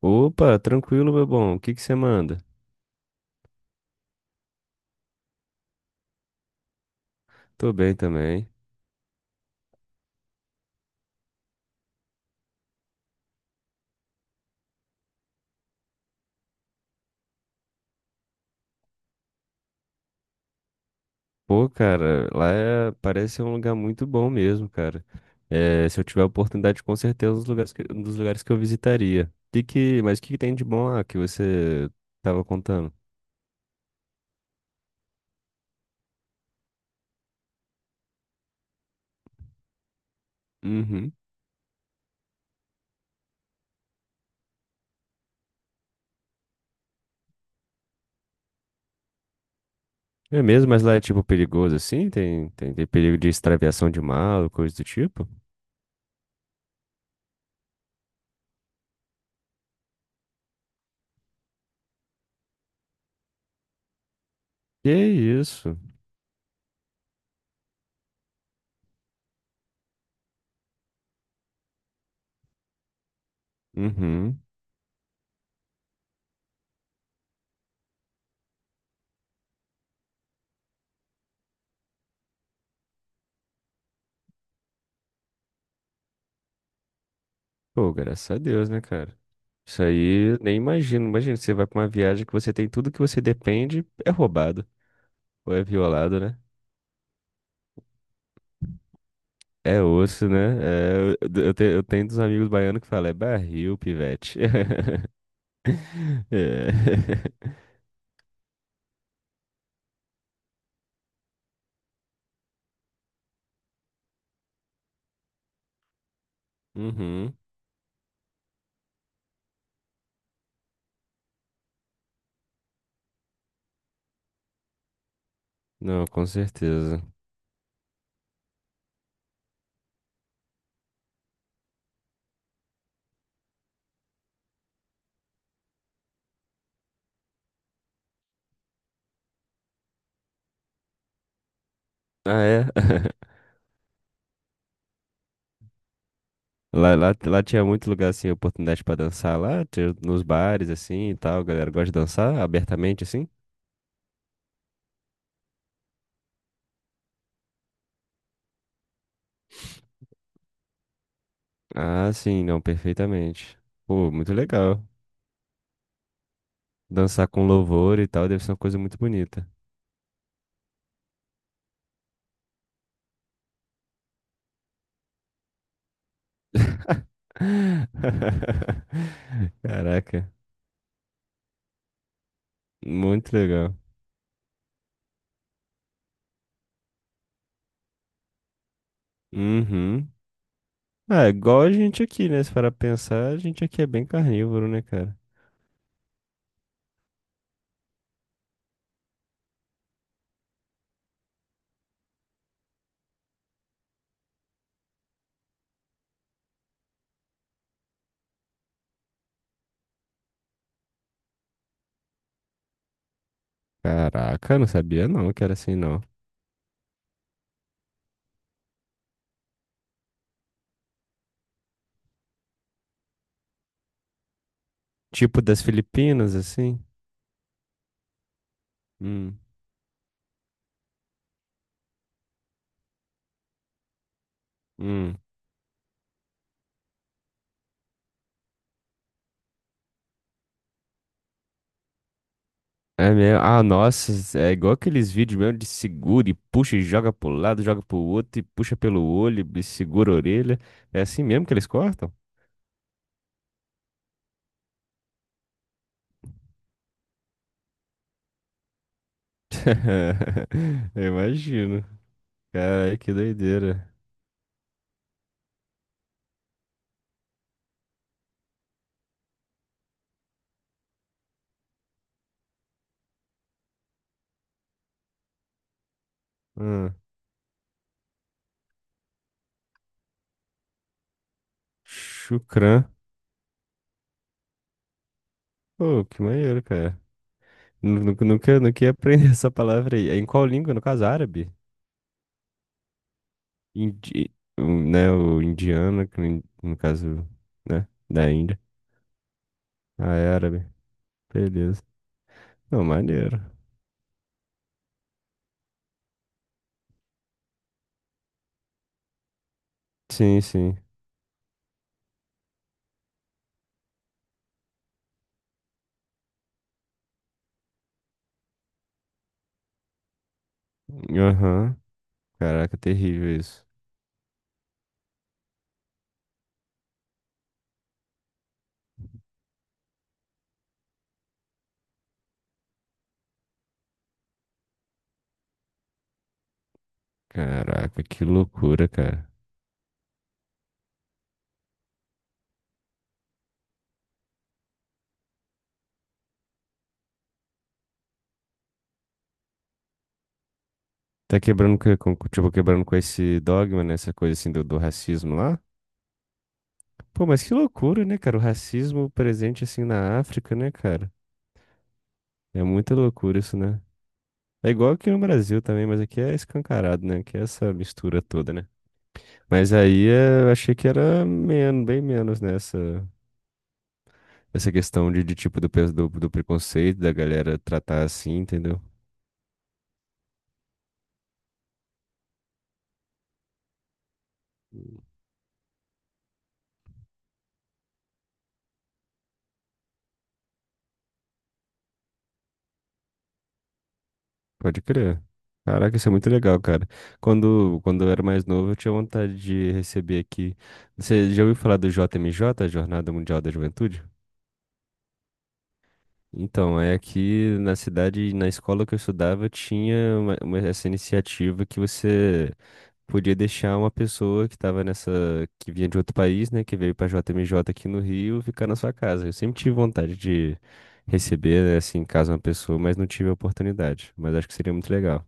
Opa, tranquilo, meu bom. O que que você manda? Tô bem também. Pô, cara, parece um lugar muito bom mesmo, cara. É, se eu tiver oportunidade, com certeza, é um dos lugares que eu visitaria. Mas o que que tem de bom lá que você tava contando? Uhum. É mesmo, mas lá é tipo perigoso assim? Tem perigo de extraviação de mala, coisa do tipo? Que isso? Uhum. Pô, graças a Deus, né, cara? Isso aí eu nem imagino. Imagina, você vai pra uma viagem que você tem tudo que você depende, é roubado, ou é violado, né? É osso, né? É, eu tenho dos amigos baianos que falam, é barril, pivete. É. Uhum. Não, com certeza. Ah, é? Lá tinha muito lugar, assim, oportunidade pra dançar lá, tinha nos bares, assim, e tal, a galera gosta de dançar abertamente, assim. Ah, sim, não, perfeitamente. Pô, muito legal. Dançar com louvor e tal deve ser uma coisa muito bonita. Caraca, muito legal. Uhum. Ah, é igual a gente aqui, né? Se parar pra pensar, a gente aqui é bem carnívoro, né, cara? Caraca, não sabia não que era assim, não. Tipo das Filipinas, assim? Hum, hum. É mesmo. Ah, nossa, é igual aqueles vídeos mesmo de segura e puxa e joga pro lado, joga pro outro e puxa pelo olho e segura a orelha. É assim mesmo que eles cortam? Eu imagino. Cara, que doideira. Ah, chucrã. Pô, que maneiro, cara. Nunca ia aprender essa palavra aí. É em qual língua? No caso, árabe? Indi... o- Né, o indiano, que no caso, né, da Índia. Ah, é árabe. Beleza. Não, maneiro. Sim, sim. Aham. Caraca, terrível isso. Caraca, que loucura, cara. Quebrando com esse dogma, né? Essa coisa assim do racismo lá. Pô, mas que loucura, né, cara? O racismo presente assim na África, né, cara? É muita loucura isso, né? É igual aqui no Brasil também, mas aqui é escancarado, né? Aqui é essa mistura toda, né? Mas aí é, eu achei que era menos, bem menos, né? Essa questão de tipo do preconceito, da galera tratar assim, entendeu? Pode crer. Caraca, isso é muito legal, cara. Quando eu era mais novo, eu tinha vontade de receber aqui. Você já ouviu falar do JMJ, Jornada Mundial da Juventude? Então, é aqui na cidade, na escola que eu estudava, tinha essa iniciativa que você podia deixar uma pessoa que estava nessa, que vinha de outro país, né, que veio para JMJ aqui no Rio, ficar na sua casa. Eu sempre tive vontade de receber, né, assim, em casa uma pessoa, mas não tive a oportunidade. Mas acho que seria muito legal.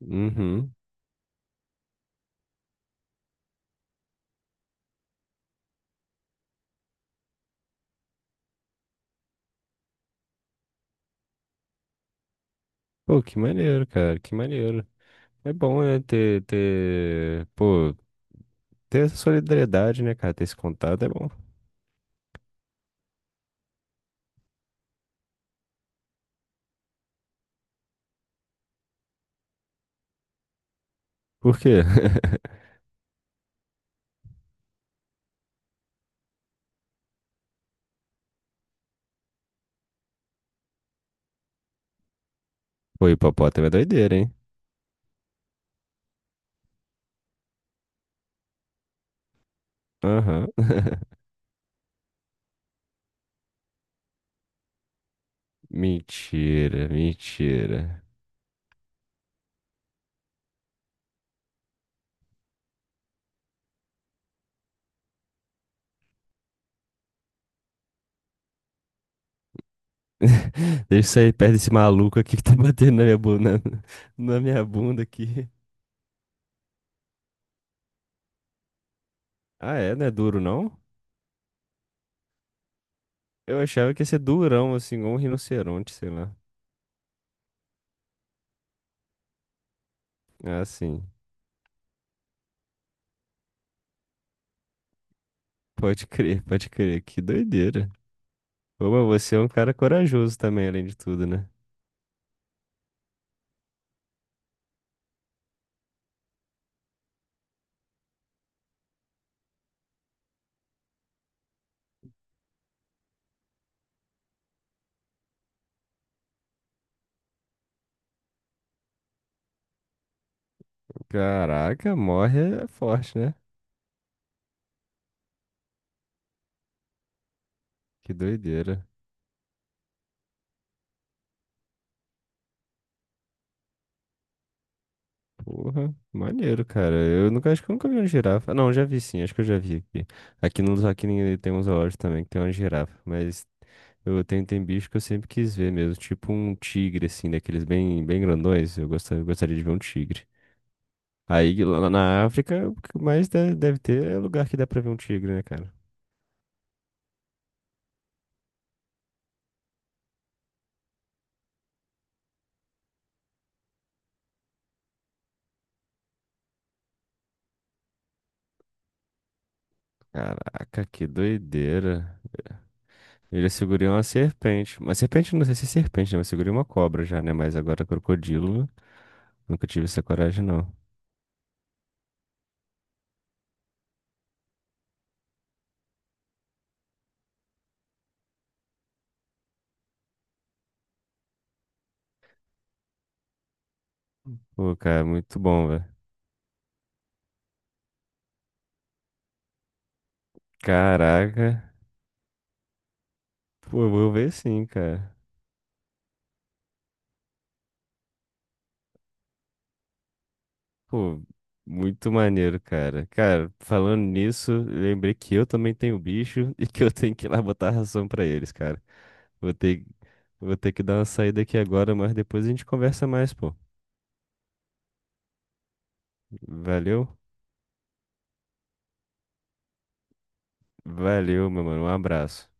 Uhum. Pô, que maneiro, cara, que maneiro. É bom, né, pô, ter essa solidariedade, né, cara, ter esse contato é bom. Por quê? Pô, hipopótamo é doideira, hein? Aham. Mentira, mentira. Deixa eu sair perto desse maluco aqui que tá batendo na minha bunda, na minha bunda aqui. Ah, é? Não é duro, não? Eu achava que ia ser durão, assim, igual um rinoceronte, sei lá. Ah, sim. Pode crer, pode crer. Que doideira. Ô, mas você é um cara corajoso também, além de tudo, né? Caraca, morre é forte, né? Que doideira. Porra, maneiro, cara. Eu nunca, acho que eu nunca vi uma girafa. Não, já vi sim, acho que eu já vi aqui. Aqui no aqui em- tem uns zoológico também que tem uma girafa, mas eu tenho, tem bicho que eu sempre quis ver mesmo, tipo um tigre, assim, daqueles bem grandões. Eu gostaria de ver um tigre. Aí lá na África, o que mais de- deve ter é lugar que dá pra ver um tigre, né, cara? Caraca, que doideira. Ele segurou uma serpente. Mas serpente, não sei se é serpente, né? Mas segurei uma cobra já, né? Mas agora crocodilo. Nunca tive essa coragem, não. Pô, cara, muito bom, velho. Caraca. Pô, eu vou ver sim, cara. Pô, muito maneiro, cara. Cara, falando nisso, lembrei que eu também tenho bicho e que eu tenho que ir lá botar ração pra eles, cara. Vou ter, vou ter que dar uma saída aqui agora, mas depois a gente conversa mais, pô. Valeu? Valeu, meu mano. Um abraço.